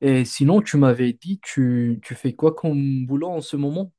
Et sinon, tu m'avais dit, tu fais quoi comme boulot en ce moment?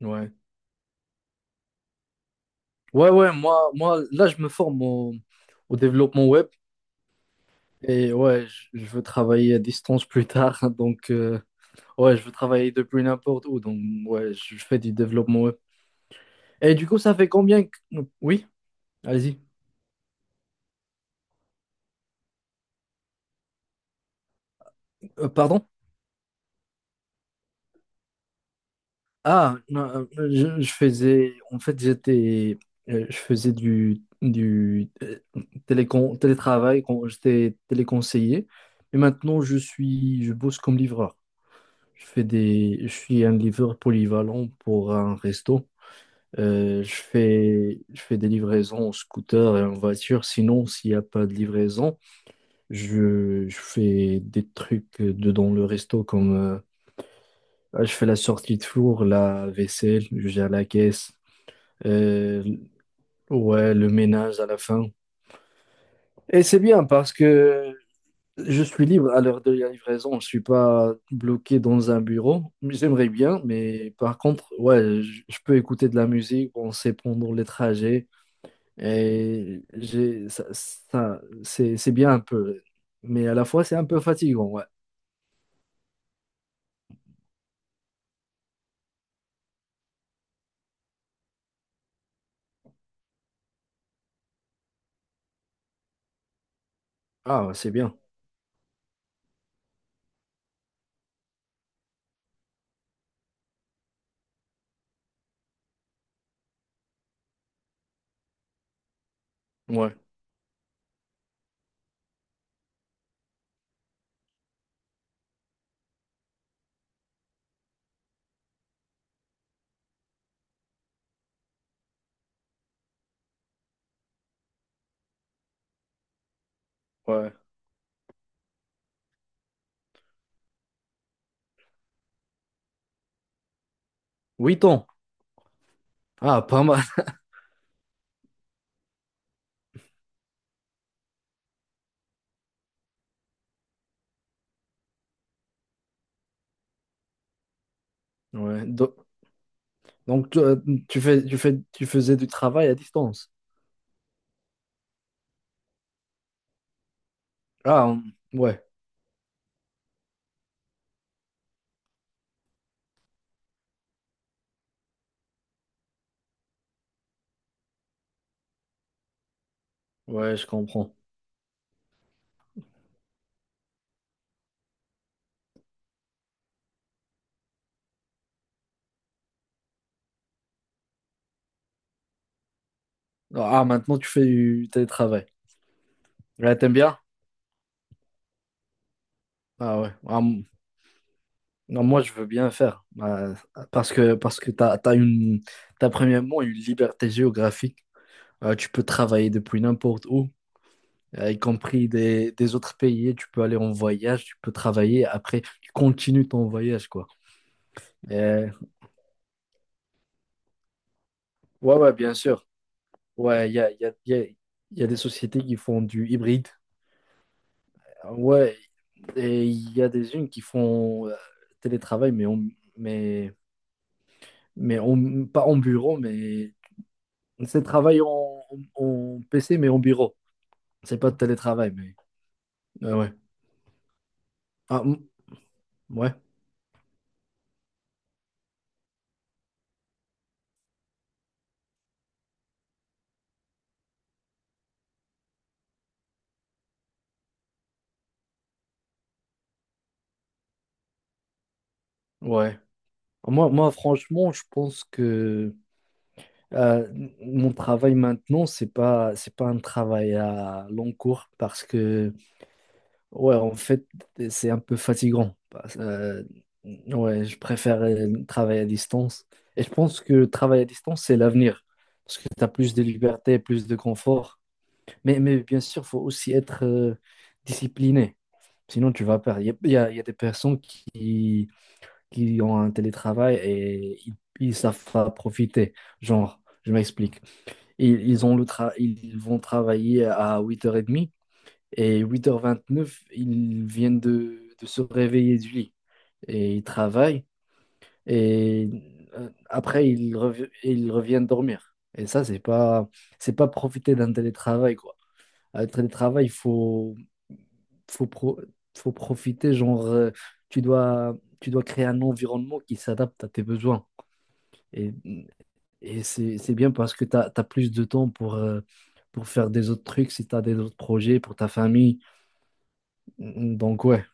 Ouais. Ouais, ouais, moi, là, je me forme au développement web et ouais, je veux travailler à distance plus tard. Donc, ouais, je veux travailler depuis n'importe où. Donc, ouais, je fais du développement web. Et du coup, ça fait combien Oui, allez-y. Pardon? Ah, non, je faisais, en fait, j'étais, je faisais du télétravail quand j'étais téléconseiller. Et maintenant, je bosse comme livreur. Je suis un livreur polyvalent pour un resto. Je fais des livraisons en scooter et en voiture. Sinon, s'il n'y a pas de livraison, je fais des trucs dedans le resto comme je fais la sortie de four, la vaisselle, je gère la caisse. Euh, ouais, le ménage à la fin. Et c'est bien parce que je suis libre à l'heure de la livraison. Je ne suis pas bloqué dans un bureau. J'aimerais bien, mais par contre, ouais, je peux écouter de la musique, on sait pendant les trajets. C'est bien un peu. Mais à la fois, c'est un peu fatigant, ouais. Ah, c'est bien. Ouais, ouais. 8 ans. Ah, pas mal. Ouais. Donc, tu faisais du travail à distance. Ah, ouais. Ouais, je comprends. Ah, maintenant tu fais du télétravail. Ouais, t'aimes bien? Ah ouais. Non, moi, je veux bien faire. Bah parce que t'as premièrement une liberté géographique. Ah, tu peux travailler depuis n'importe où, ah, y compris des autres pays. Tu peux aller en voyage, tu peux travailler. Après, tu continues ton voyage, quoi. Et- Ouais, ouais, bien sûr. Ouais, il y a, y a, y a y a des sociétés qui font du hybride. Ouais, et il y a des unes qui font télétravail, mais, mais on, pas en bureau, mais c'est travail en PC, mais en bureau. C'est pas de télétravail, mais ouais. Ah, m- ouais, ouais. Moi, franchement, je pense que euh, mon travail maintenant, c'est pas un travail à long cours parce que ouais, en fait, c'est un peu fatigant. Ouais, je préfère travailler à distance. Et je pense que le travail à distance, c'est l'avenir. Parce que tu as plus de liberté, plus de confort. Mais bien sûr, il faut aussi être discipliné. Sinon, tu vas perdre. Il y a, il y a- il y a des personnes qui ont un télétravail et ils savent pas profiter. Genre, je m'explique. Ils vont travailler à 8h30. Et 8h29 ils viennent de se réveiller du lit et ils travaillent. Et après, ils reviennent dormir. Et ça, c'est pas profiter d'un télétravail, quoi. Un télétravail, il faut, faut, pro- faut profiter, genre, tu dois créer un environnement qui s'adapte à tes besoins. Et, et c'est bien parce que tu as plus de temps pour faire des autres trucs, si tu as des autres projets pour ta famille. Donc, ouais,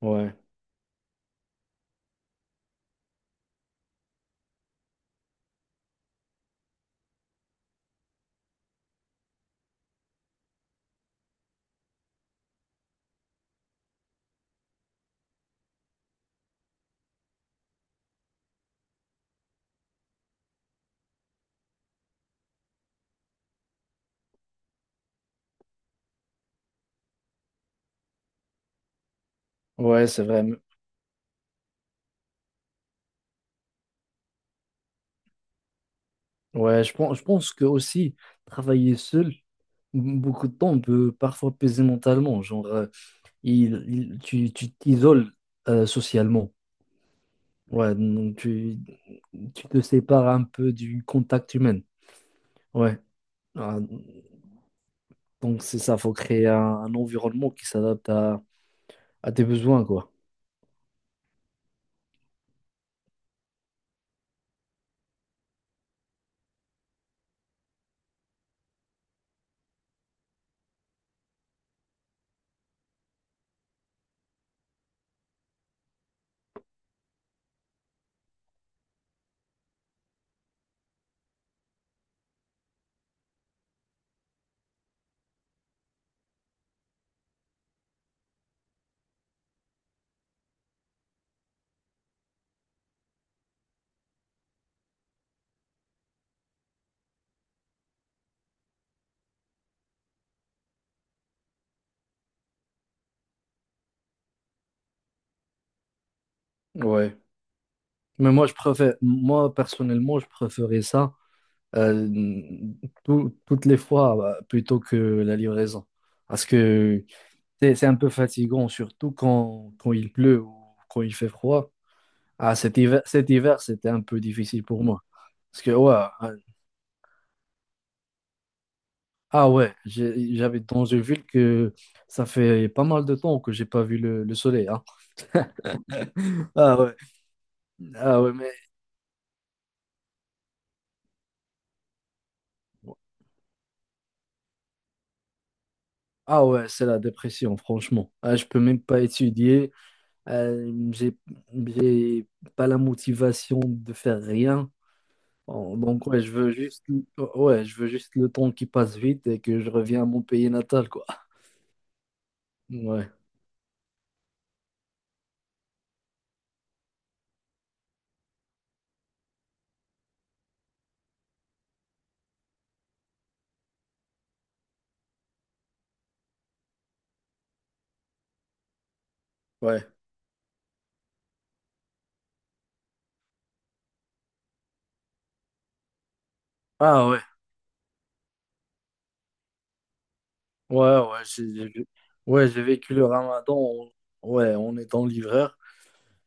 ouais. Ouais, c'est vrai. Ouais, je pense que aussi travailler seul beaucoup de temps peut parfois peser mentalement. Genre, tu t'isoles socialement. Ouais, donc tu te sépares un peu du contact humain. Ouais. Ah, donc c'est ça, faut créer un environnement qui s'adapte à tes besoins, quoi. Ouais. Mais moi, je préfère, moi personnellement, je préférais ça. euh, Toutes les fois bah, plutôt que la livraison. Parce que c'est un peu fatigant, surtout quand il pleut ou quand il fait froid. Ah, cet hiver, c'était un peu difficile pour moi. Parce que, ouais, ouais, j'habite dans une ville que ça fait pas mal de temps que j'ai pas vu le soleil, hein. Ah ouais, ah ouais, mais. Ah ouais, c'est la dépression, franchement. Ah, je peux même pas étudier. Euh, j'ai, j'ai pas la motivation de faire rien. Bon, donc ouais, je veux juste le temps qui passe vite et que je reviens à mon pays natal, quoi. Ouais, ouais. Ah ouais. Ouais, ouais, ouais, j'ai vécu le Ramadan, ouais, en étant livreur.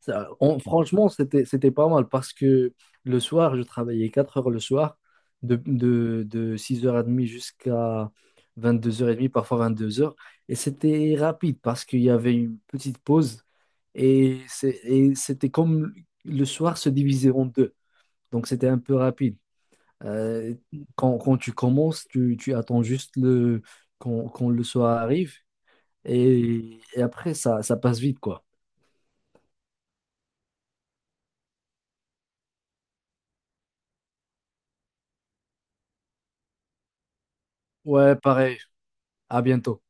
Ça, franchement, c'était pas mal parce que le soir, je travaillais 4 heures le soir, de 6h30 jusqu'à 22h30, parfois 22 heures. Et c'était rapide parce qu'il y avait une petite pause et c'était comme le soir se divisait en deux. Donc c'était un peu rapide. Euh, quand tu commences, tu attends juste quand le soir arrive et après, ça passe vite, quoi. Ouais, pareil. À bientôt.